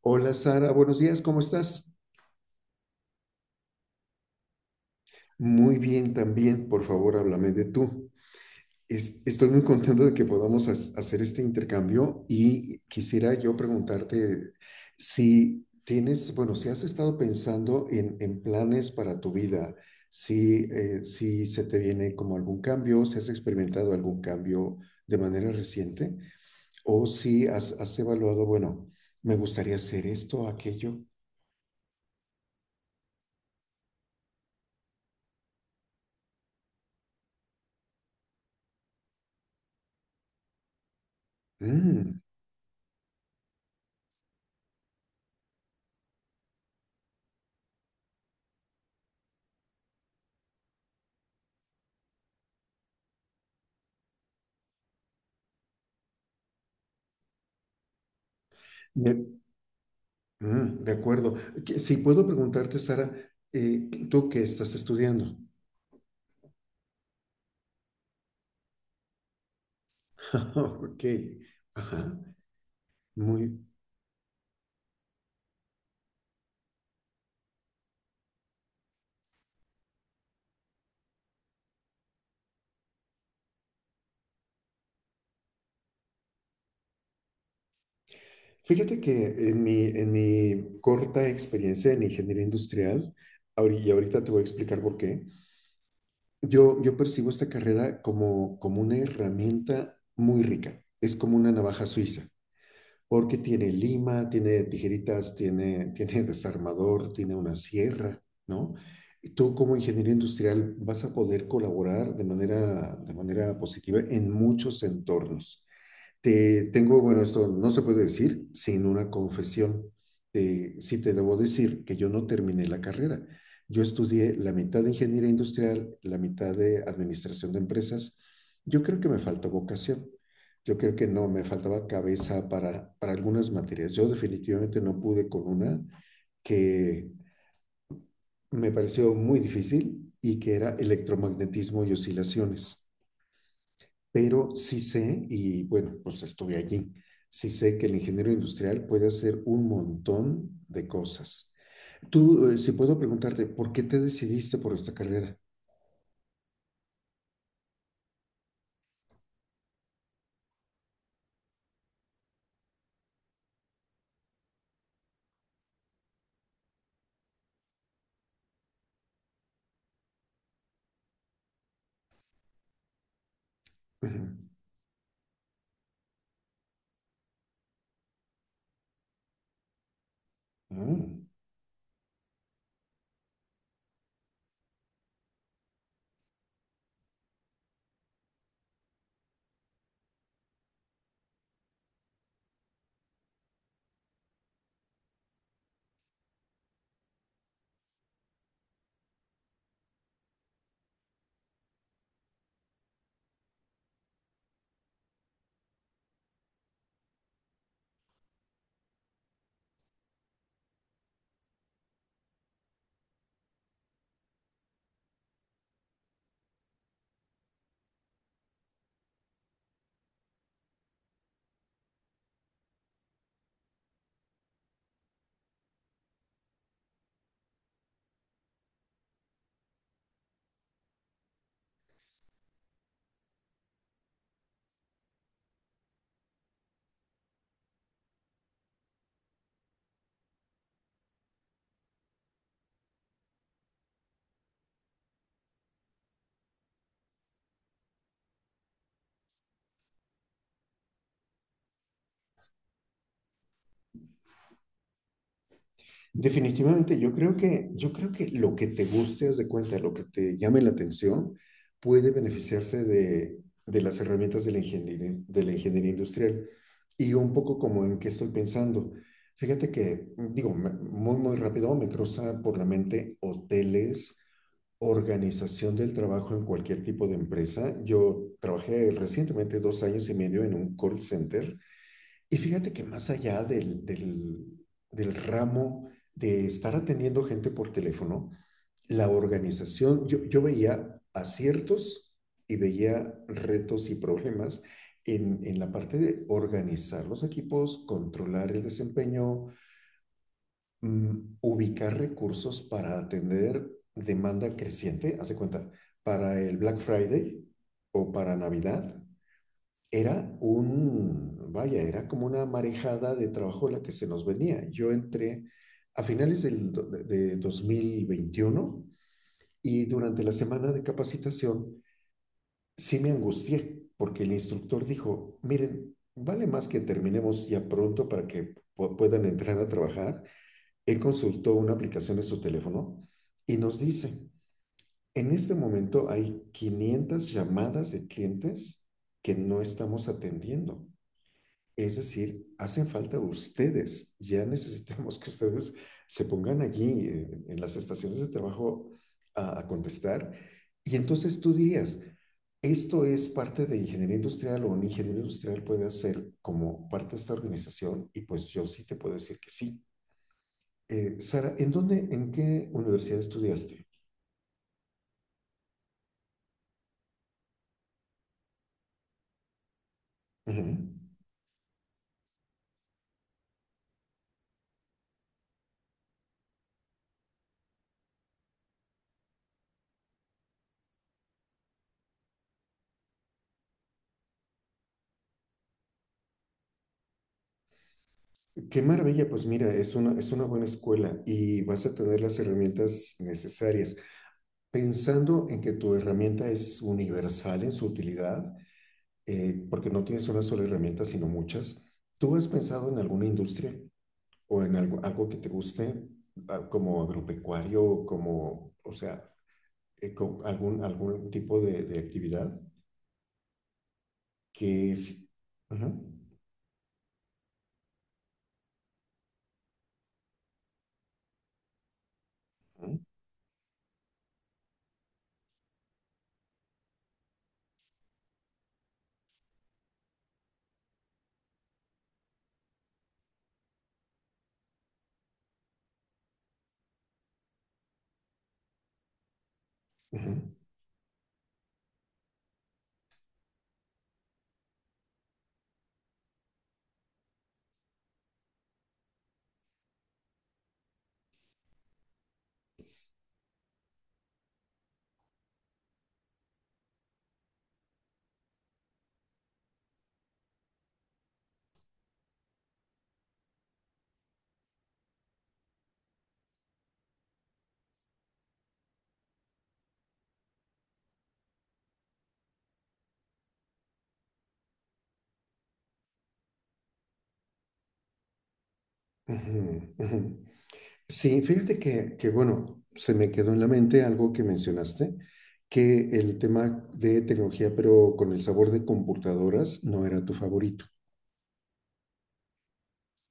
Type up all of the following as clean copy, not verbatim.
Hola Sara, buenos días, ¿cómo estás? Muy bien también, por favor, háblame de tú. Estoy muy contento de que podamos hacer este intercambio y quisiera yo preguntarte si tienes, bueno, si has estado pensando en planes para tu vida, si, si se te viene como algún cambio, si has experimentado algún cambio de manera reciente o si has, has evaluado, bueno, me gustaría hacer esto, aquello. Mm. Me, Mm, de acuerdo. Si puedo preguntarte, Sara, ¿tú qué estás estudiando? Ok, ajá, muy. Fíjate que en mi corta experiencia en ingeniería industrial, ahorita te voy a explicar por qué, yo percibo esta carrera como, como una herramienta muy rica. Es como una navaja suiza, porque tiene lima, tiene tijeritas, tiene, tiene desarmador, tiene una sierra, ¿no? Y tú como ingeniero industrial vas a poder colaborar de manera positiva en muchos entornos. Te tengo, bueno, esto no se puede decir sin una confesión. Sí te debo decir que yo no terminé la carrera. Yo estudié la mitad de ingeniería industrial, la mitad de administración de empresas. Yo creo que me faltó vocación. Yo creo que no, me faltaba cabeza para algunas materias. Yo definitivamente no pude con una que me pareció muy difícil y que era electromagnetismo y oscilaciones, pero sí sé, y bueno, pues estuve allí, sí sé que el ingeniero industrial puede hacer un montón de cosas. Tú, si puedo preguntarte, ¿por qué te decidiste por esta carrera? Ujú. Ah. Definitivamente, yo creo que lo que te guste, haz de cuenta, lo que te llame la atención, puede beneficiarse de las herramientas de la ingeniería industrial. Y un poco como en qué estoy pensando. Fíjate que, digo, muy, muy rápido me cruza por la mente hoteles, organización del trabajo en cualquier tipo de empresa. Yo trabajé recientemente 2 años y medio en un call center y fíjate que más allá del ramo de estar atendiendo gente por teléfono, la organización, yo veía aciertos y veía retos y problemas en la parte de organizar los equipos, controlar el desempeño, ubicar recursos para atender demanda creciente, hace cuenta, para el Black Friday o para Navidad era un, vaya, era como una marejada de trabajo la que se nos venía. Yo entré a finales de 2021 y durante la semana de capacitación sí me angustié porque el instructor dijo, miren, vale más que terminemos ya pronto para que puedan entrar a trabajar. Él consultó una aplicación en su teléfono y nos dice, en este momento hay 500 llamadas de clientes que no estamos atendiendo. Es decir, hacen falta ustedes. Ya necesitamos que ustedes se pongan allí, en las estaciones de trabajo a contestar. Y entonces tú dirías, ¿esto es parte de ingeniería industrial o un ingeniero industrial puede hacer como parte de esta organización? Y pues yo sí te puedo decir que sí. Sara, ¿en qué universidad estudiaste? Ajá. Qué maravilla, pues mira, es una buena escuela y vas a tener las herramientas necesarias. Pensando en que tu herramienta es universal en su utilidad, porque no tienes una sola herramienta, sino muchas, ¿tú has pensado en alguna industria o en algo, algo que te guste, como agropecuario, como, o sea, con algún, algún tipo de actividad que es... Ajá, ajá, ajá, ajá, ajá. Sí, fíjate que, bueno, se me quedó en la mente algo que mencionaste, que el tema de tecnología, pero con el sabor de computadoras, no era tu favorito.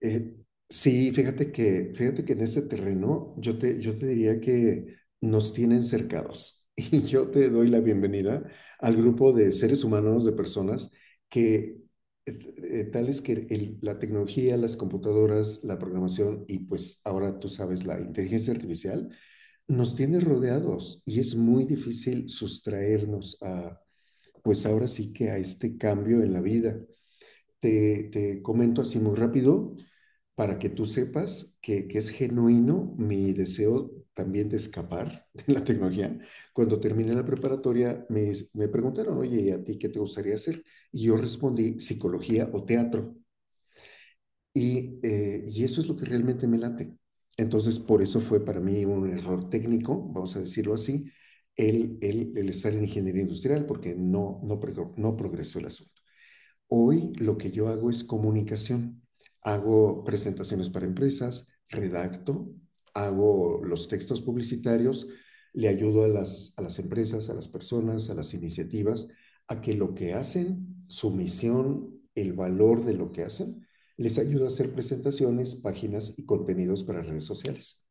Eh, sí, fíjate que en este terreno yo te diría que nos tienen cercados y yo te doy la bienvenida al grupo de seres humanos, de personas que tales que la tecnología, las computadoras, la programación y pues ahora tú sabes la inteligencia artificial nos tiene rodeados y es muy difícil sustraernos a, pues ahora sí que a este cambio en la vida. Te comento así muy rápido para que tú sepas que es genuino mi deseo también de escapar de la tecnología. Cuando terminé la preparatoria, me preguntaron, oye, ¿y a ti qué te gustaría hacer? Y yo respondí, psicología o teatro. Y eso es lo que realmente me late. Entonces, por eso fue para mí un error técnico, vamos a decirlo así, el estar en ingeniería industrial, porque no progresó el asunto. Hoy lo que yo hago es comunicación. Hago presentaciones para empresas, redacto, hago los textos publicitarios, le ayudo a a las empresas, a las personas, a las iniciativas, a que lo que hacen, su misión, el valor de lo que hacen, les ayudo a hacer presentaciones, páginas y contenidos para redes sociales.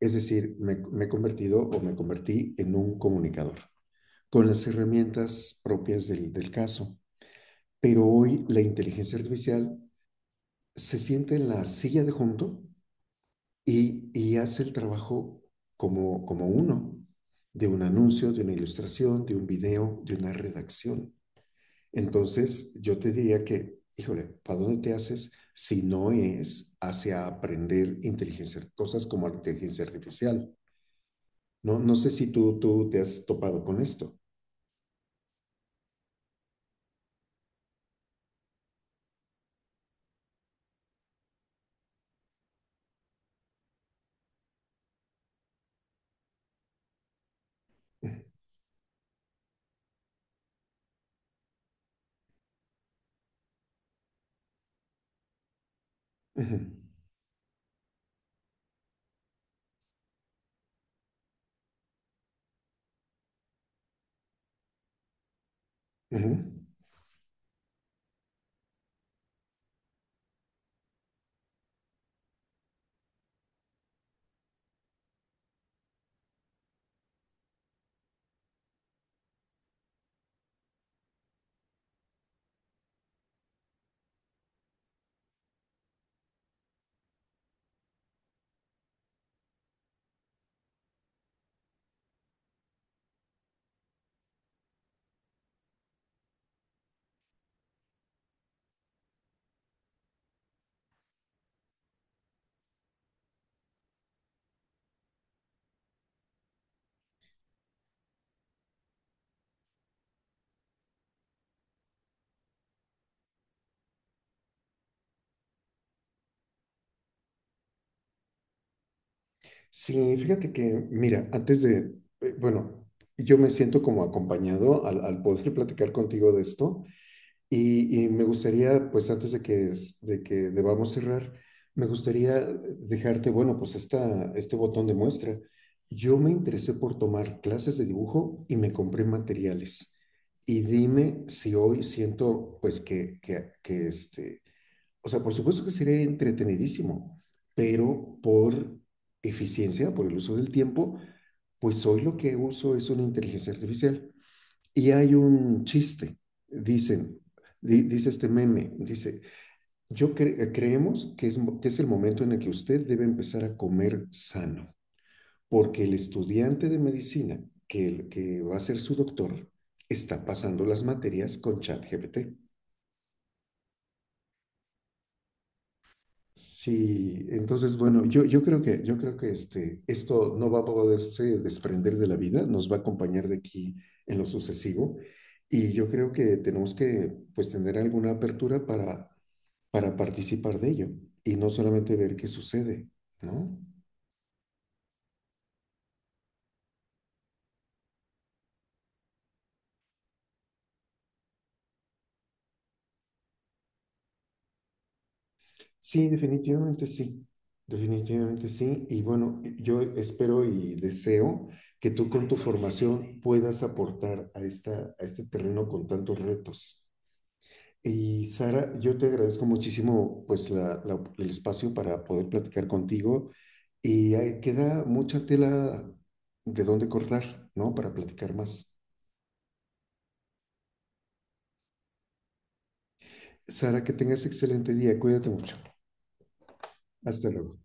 Es decir, me he convertido o me convertí en un comunicador con las herramientas propias del caso, pero hoy la inteligencia artificial se siente en la silla de junto y hace el trabajo como, como uno, de un anuncio, de una ilustración, de un video, de una redacción. Entonces, yo te diría que, híjole, ¿para dónde te haces si no es hacia aprender inteligencia, cosas como la inteligencia artificial? No, no sé si tú te has topado con esto. Ujú, ujú. Sí, fíjate que, mira, antes de, bueno, yo me siento como acompañado al poder platicar contigo de esto y me gustaría, pues antes de que, de que debamos cerrar, me gustaría dejarte, bueno, pues esta, este botón de muestra. Yo me interesé por tomar clases de dibujo y me compré materiales. Y dime si hoy siento, pues, que, este, o sea, por supuesto que sería entretenidísimo, pero por eficiencia, por el uso del tiempo, pues hoy lo que uso es una inteligencia artificial. Y hay un chiste, dicen, dice este meme, dice, yo creemos que es el momento en el que usted debe empezar a comer sano, porque el estudiante de medicina que, que va a ser su doctor está pasando las materias con ChatGPT. Sí, entonces, bueno, yo creo que este, esto no va a poderse desprender de la vida, nos va a acompañar de aquí en lo sucesivo y yo creo que tenemos que pues tener alguna apertura para participar de ello y no solamente ver qué sucede, ¿no? Sí, definitivamente sí, definitivamente sí y bueno, yo espero y deseo que tú con tu formación puedas aportar a esta, a este terreno con tantos retos. Y Sara, yo te agradezco muchísimo pues el espacio para poder platicar contigo y ahí queda mucha tela de dónde cortar, ¿no? Para platicar más. Sara, que tengas excelente día, cuídate mucho. Hasta luego.